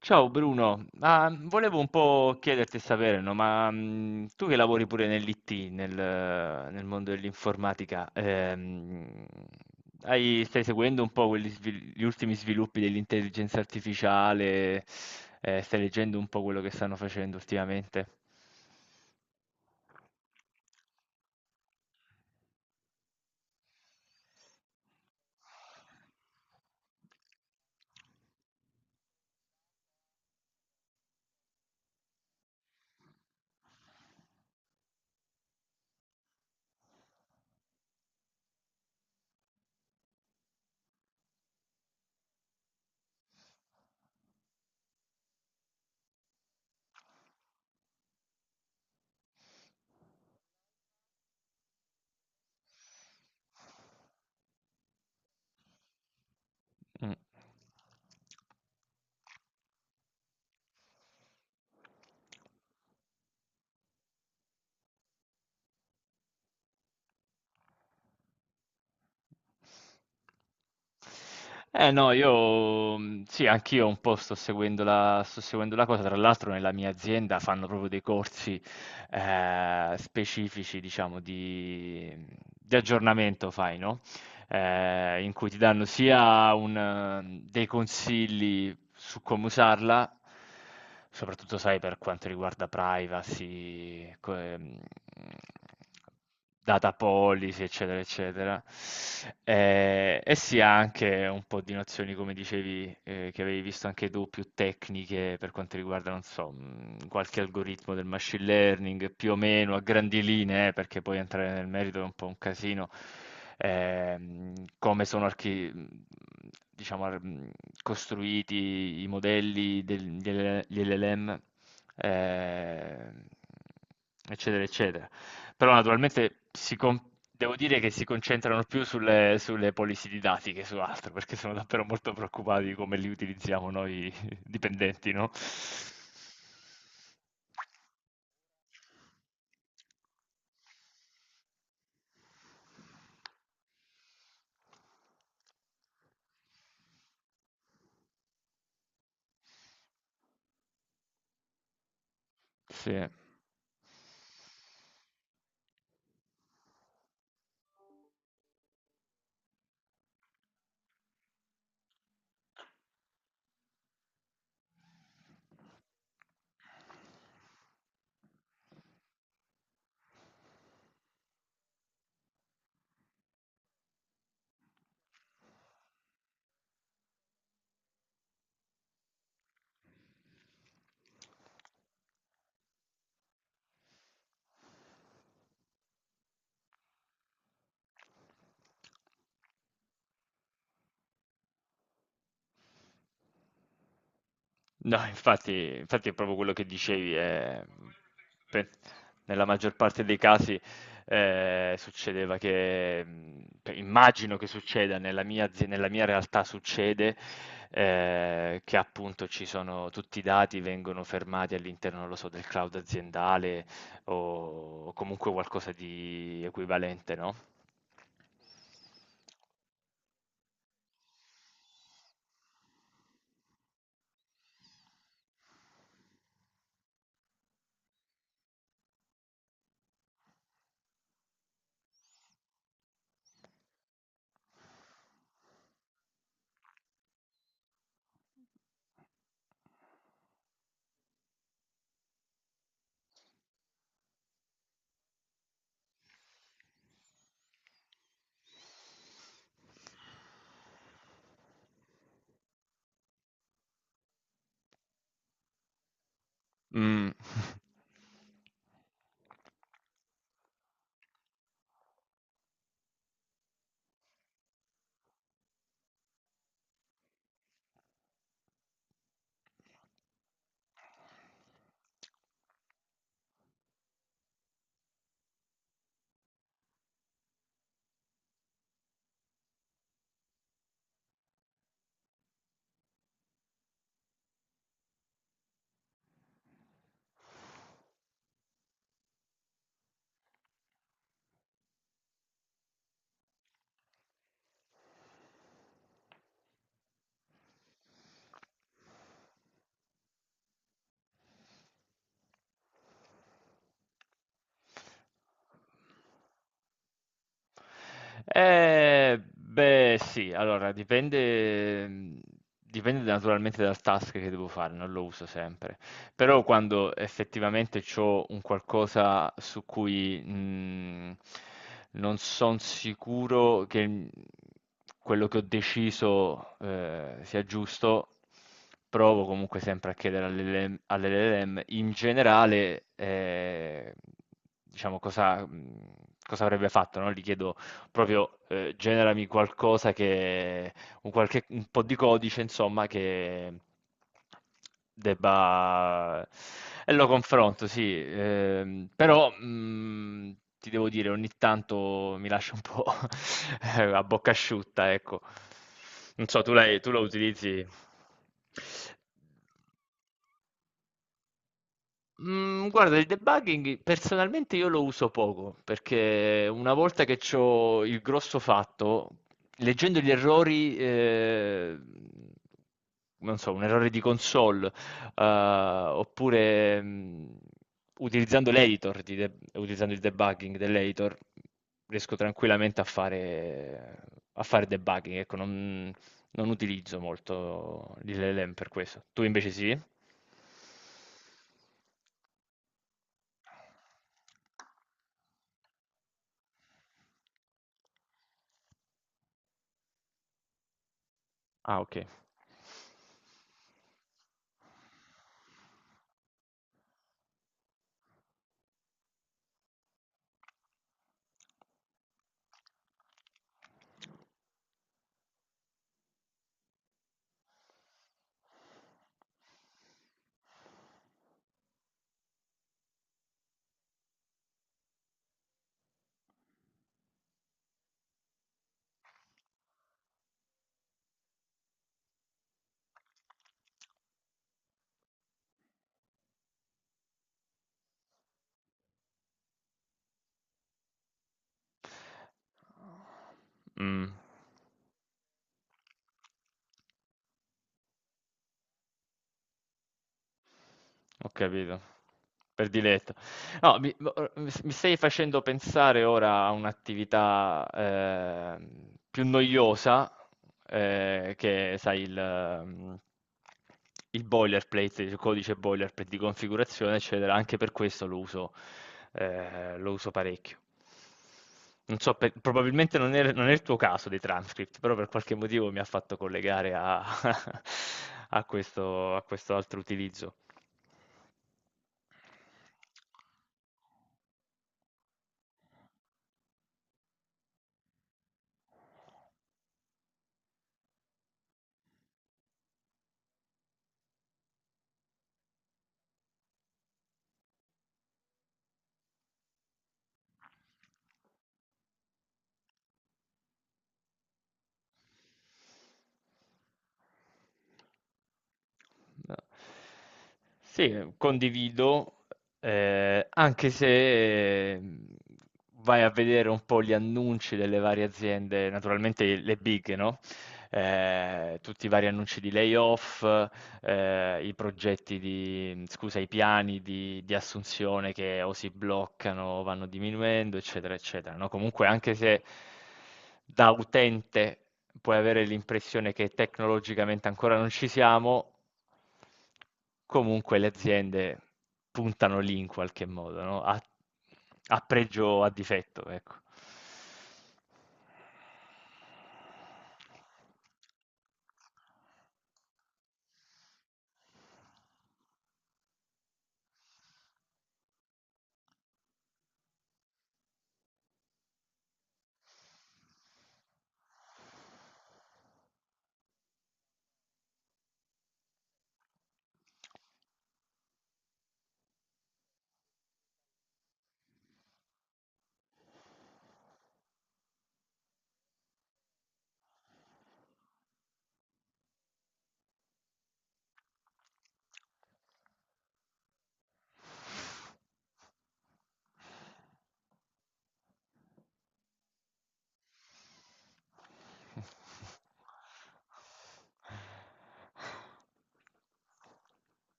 Ciao Bruno. Volevo un po' chiederti e sapere, no, ma tu che lavori pure nell'IT, nel mondo dell'informatica, stai seguendo un po' gli ultimi sviluppi dell'intelligenza artificiale. Stai leggendo un po' quello che stanno facendo ultimamente? Mm. No, io sì, anch'io un po' sto seguendo la cosa. Tra l'altro nella mia azienda fanno proprio dei corsi, specifici diciamo di di aggiornamento fai, no, in cui ti danno sia un dei consigli su come usarla, soprattutto sai per quanto riguarda privacy, data policy, eccetera, eccetera. E si ha anche un po' di nozioni, come dicevi, che avevi visto anche tu, più tecniche per quanto riguarda, non so, qualche algoritmo del machine learning, più o meno a grandi linee, perché poi entrare nel merito è un po' un casino, come sono archi mhmm, diciamo ar mhmm, costruiti i modelli del delle degli LLM, ehm, eccetera, eccetera. Però naturalmente si con Devo dire che si concentrano più sulle policy didattiche, su altro, perché sono davvero molto preoccupati di come li utilizziamo noi dipendenti, no? Sì. No, infatti, infatti è proprio quello che dicevi, pe- nella maggior parte dei casi succedeva che, immagino che succeda, nella mia realtà succede, che appunto ci sono tutti i dati vengono fermati all'interno, non lo so, del cloud aziendale o comunque qualcosa di equivalente, no? Mm. Beh, sì, allora dipende, dipende naturalmente dal task che devo fare, non lo uso sempre, però quando effettivamente ho un qualcosa su cui non sono sicuro che quello che ho deciso sia giusto, provo comunque sempre a chiedere all'LLM in generale, diciamo, cosa avrebbe fatto, no? Gli chiedo proprio generami qualcosa che, un po' di codice, insomma, che debba... E lo confronto, sì, però ti devo dire, ogni tanto mi lascia un po' a bocca asciutta, ecco. Non so, tu, tu lo utilizzi? Mm, guarda, il debugging personalmente io lo uso poco perché una volta che ho il grosso fatto, leggendo gli errori, non so, un errore di console, eh, oppure mm, utilizzando l'editor, di de- utilizzando il debugging dell'editor, riesco tranquillamente a fare debugging. Ecco, non utilizzo molto l'LLM per questo. Tu invece sì? Ah, okay. Mh. Ho capito, per diletto. No, mi stai facendo pensare ora a un'attività più noiosa, che sai, il boilerplate, il codice boilerplate di configurazione, eccetera. Anche per questo lo uso parecchio. Non so, probabilmente non è il tuo caso dei transcript, però per qualche motivo mi ha fatto collegare a, a questo altro utilizzo. No. Sì, condivido, anche se vai a vedere un po' gli annunci delle varie aziende, naturalmente le big, no? Tutti i vari annunci di layoff, i progetti di scusa, i piani di assunzione che o si bloccano o vanno diminuendo, eccetera, eccetera, no, comunque anche se da utente puoi avere l'impressione che tecnologicamente ancora non ci siamo, comunque le aziende puntano lì in qualche modo, no, a pregio o a difetto, ecco.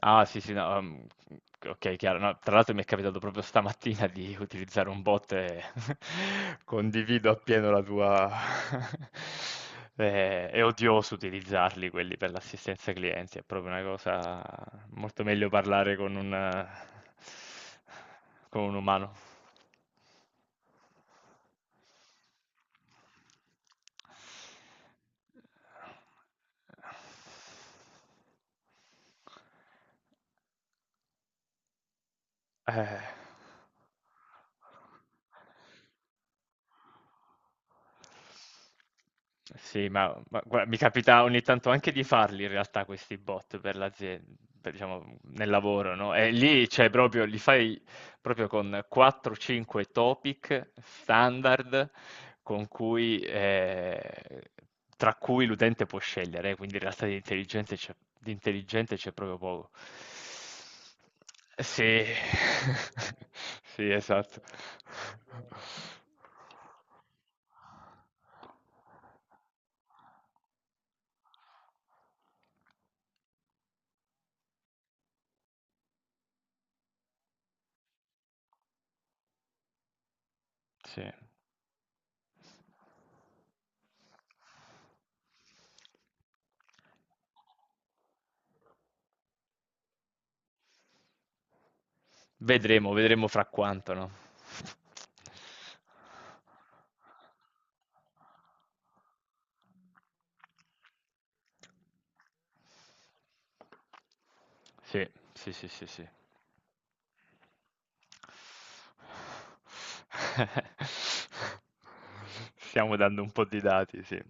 Ah sì, sì, no, okay, chiaro. No, tra l'altro mi è capitato proprio stamattina di utilizzare un bot e condivido appieno la tua è odioso utilizzarli quelli per l'assistenza clienti, è proprio una cosa, molto meglio parlare con un umano. Eh. Sì, ma gua mi capita ogni tanto anche di farli in realtà questi bot per diciamo nel lavoro, no, e lì cioè proprio li fai proprio con 4-5 topic standard con cui, tra cui l'utente può scegliere, quindi in realtà di intelligente c'è proprio poco. Sì, sì, esatto. Sì. Vedremo, vedremo fra quanto, no? Sì, sì, sì, sì, sì. Stiamo dando un po' di dati, sì.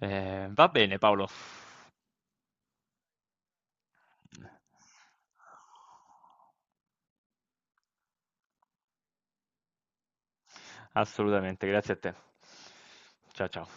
Va bene, Paolo. Assolutamente, grazie a te. Ciao, ciao.